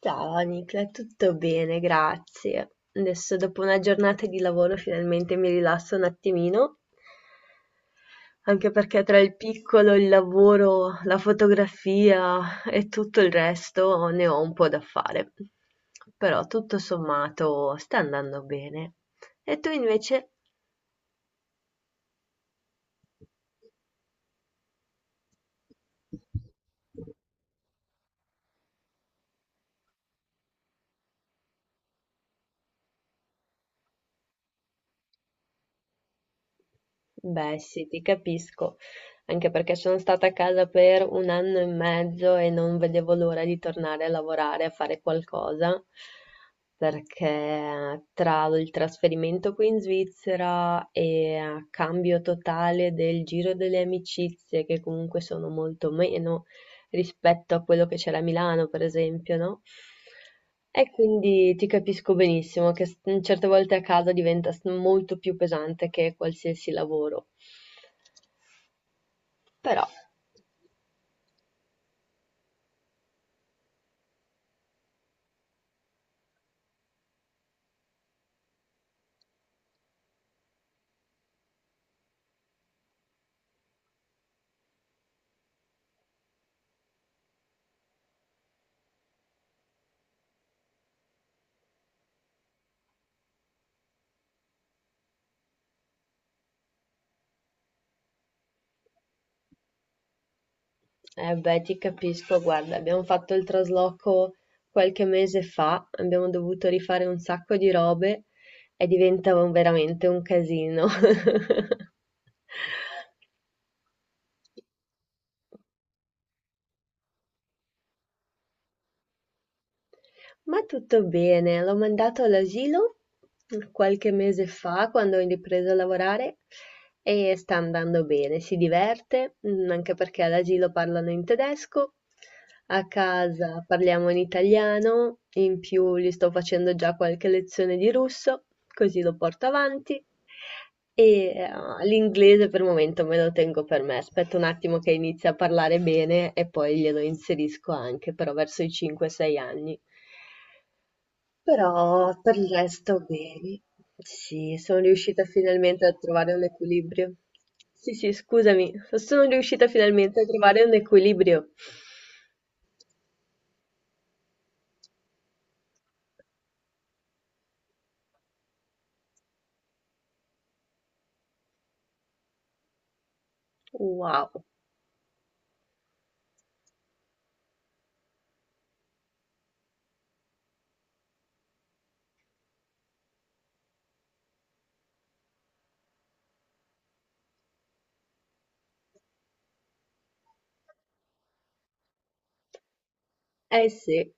Ciao Nicla, tutto bene, grazie. Adesso dopo una giornata di lavoro finalmente mi rilasso un attimino, anche perché tra il piccolo, il lavoro, la fotografia e tutto il resto ne ho un po' da fare. Però tutto sommato sta andando bene. E tu invece? Beh, sì, ti capisco, anche perché sono stata a casa per un anno e mezzo e non vedevo l'ora di tornare a lavorare, a fare qualcosa, perché tra il trasferimento qui in Svizzera e cambio totale del giro delle amicizie, che comunque sono molto meno, rispetto a quello che c'era a Milano, per esempio, no? E quindi ti capisco benissimo che certe volte a casa diventa molto più pesante che qualsiasi lavoro. Però, eh beh, ti capisco, guarda, abbiamo fatto il trasloco qualche mese fa, abbiamo dovuto rifare un sacco di robe e diventa veramente un casino. Ma tutto bene, l'ho mandato all'asilo qualche mese fa quando ho ripreso a lavorare e sta andando bene, si diverte, anche perché all'asilo parlano in tedesco, a casa parliamo in italiano, in più gli sto facendo già qualche lezione di russo, così lo porto avanti. E eh, l'inglese per il momento me lo tengo per me, aspetto un attimo che inizi a parlare bene e poi glielo inserisco anche, però verso i 5-6 anni. Però per il resto bene. Sì, sono riuscita finalmente a trovare un equilibrio. Sì, sì, scusami, sono riuscita finalmente a trovare un equilibrio. Wow. Eh sì,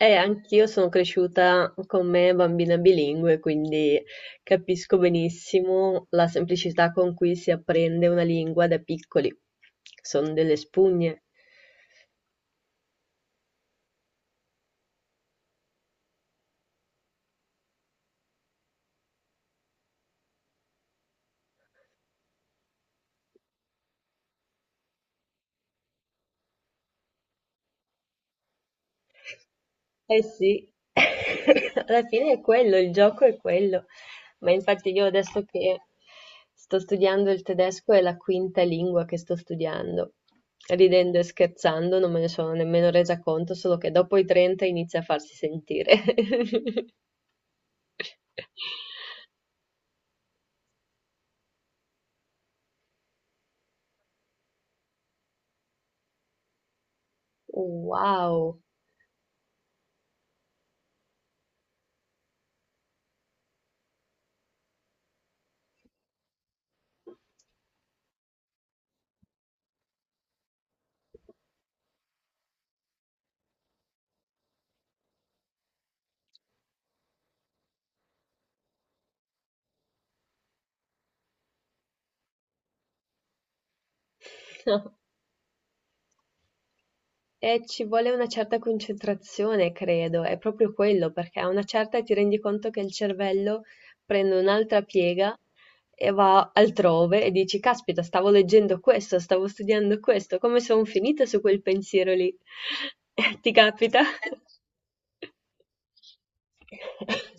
anch'io sono cresciuta con me bambina bilingue, quindi capisco benissimo la semplicità con cui si apprende una lingua da piccoli. Sono delle spugne. Eh sì, alla fine è quello, il gioco è quello. Ma infatti io adesso che sto studiando il tedesco è la quinta lingua che sto studiando. Ridendo e scherzando non me ne sono nemmeno resa conto, solo che dopo i 30 inizia a farsi sentire. Wow. Ci vuole una certa concentrazione credo, è proprio quello, perché a una certa ti rendi conto che il cervello prende un'altra piega e va altrove e dici, caspita, stavo leggendo questo, stavo studiando questo, come sono finita su quel pensiero lì? Ti capita?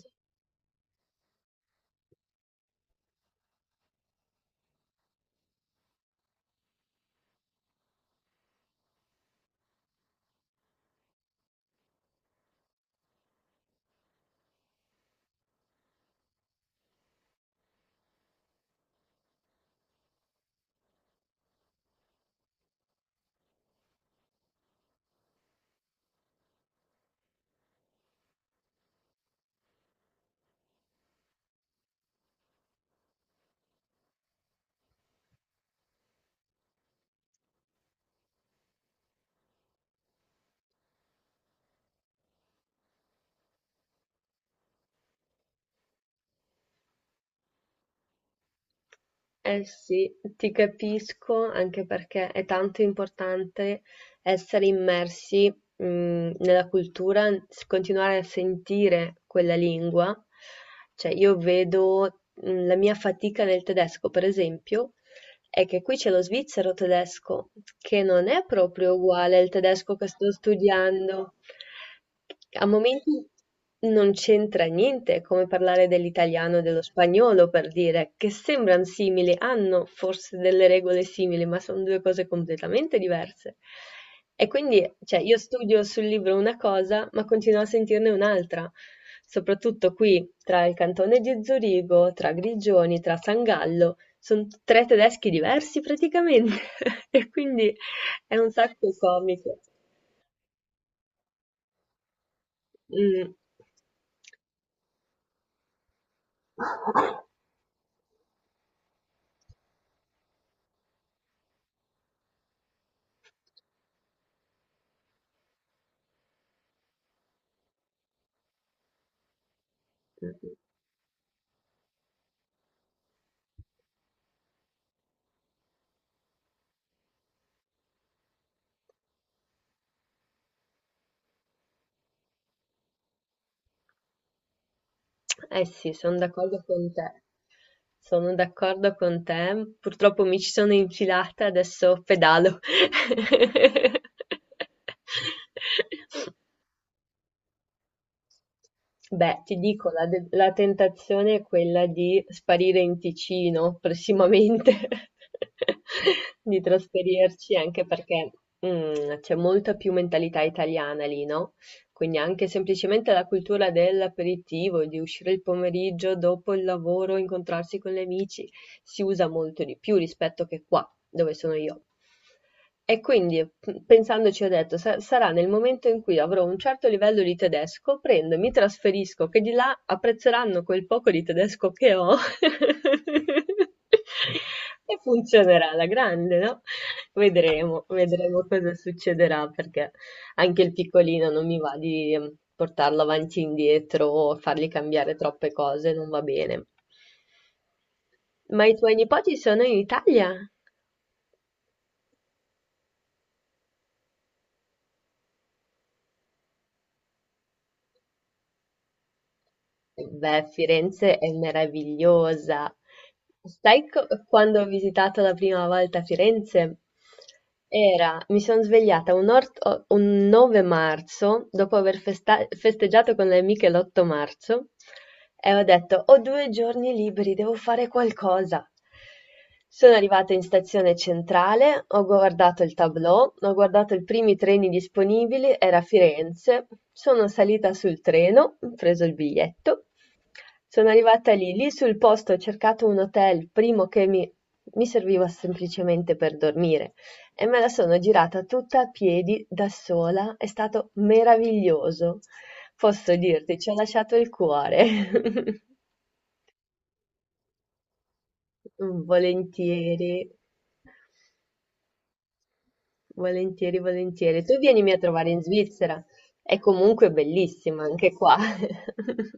Eh sì, ti capisco anche perché è tanto importante essere immersi, mh, nella cultura, continuare a sentire quella lingua. Cioè, io vedo, la mia fatica nel tedesco, per esempio, è che qui c'è lo svizzero tedesco, che non è proprio uguale al tedesco che sto studiando. A momenti non c'entra niente, è come parlare dell'italiano e dello spagnolo, per dire, che sembran simili, hanno forse delle regole simili, ma sono due cose completamente diverse. E quindi, cioè, io studio sul libro una cosa, ma continuo a sentirne un'altra. Soprattutto qui, tra il cantone di Zurigo, tra Grigioni, tra San Gallo, son tre tedeschi diversi praticamente e quindi è un sacco comico. Mh. Mh-mh. Eh sì, son d'accordo con te. Sono d'accordo con te. Purtroppo mi ci sono infilata, adesso pedalo. Beh, ti dico, la tentazione è quella di sparire in Ticino prossimamente, di trasferirci, anche perché, c'è molta più mentalità italiana lì, no, quindi anche semplicemente la cultura dell'aperitivo, di uscire il pomeriggio dopo il lavoro, incontrarsi con gli amici si usa molto di più rispetto che qua, dove sono io. E quindi, pensandoci, ho detto, sarà nel momento in cui avrò un certo livello di tedesco, prendo, mi trasferisco, che di là apprezzeranno quel poco di tedesco che ho. E funzionerà alla grande, no? Vedremo, vedremo cosa succederà perché anche il piccolino non mi va di portarlo avanti e indietro o fargli cambiare troppe cose, non va bene. Ma i tuoi nipoti sono in Italia? Beh, Firenze è meravigliosa. Sai quando ho visitato la prima volta Firenze? Era, mi sono svegliata un 9 marzo, dopo aver festeggiato con le amiche l'8 marzo, e ho detto, ho due giorni liberi, devo fare qualcosa. Sono arrivata in stazione centrale, ho guardato il tableau, ho guardato i primi treni disponibili, era Firenze, sono salita sul treno, ho preso il biglietto, sono arrivata lì, lì sul posto ho cercato un hotel, primo che mi serviva semplicemente per dormire e me la sono girata tutta a piedi da sola, è stato meraviglioso. Posso dirti, ci ho lasciato il cuore. Volentieri. Volentieri, volentieri. Tu vienimi a trovare in Svizzera. È comunque bellissima anche qua.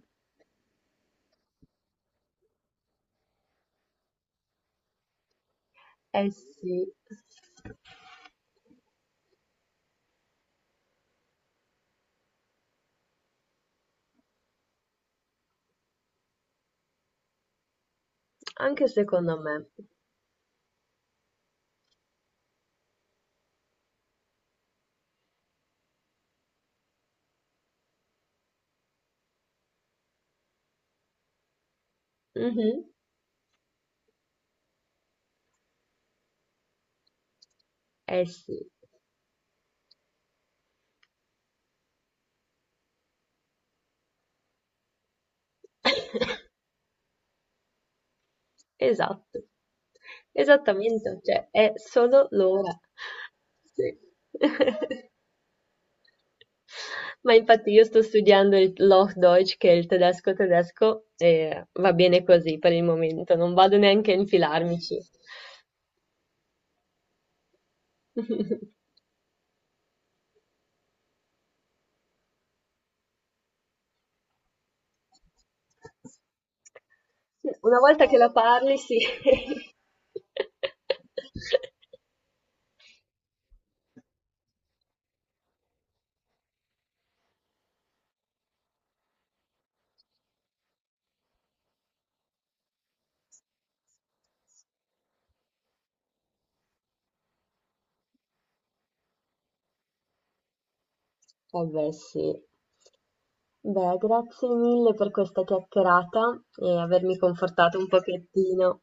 Eh sì. Anche secondo me. Mh-mh. Eh sì. Esatto. Esattamente, cioè è solo l'ora. Sì. Ma infatti io sto studiando il Hochdeutsch, che è il tedesco tedesco, e va bene così per il momento, non vado neanche a infilarmici. Sì, una volta che la parli, sì. Eh beh, sì. Beh, grazie mille per questa chiacchierata e avermi confortato un pochettino.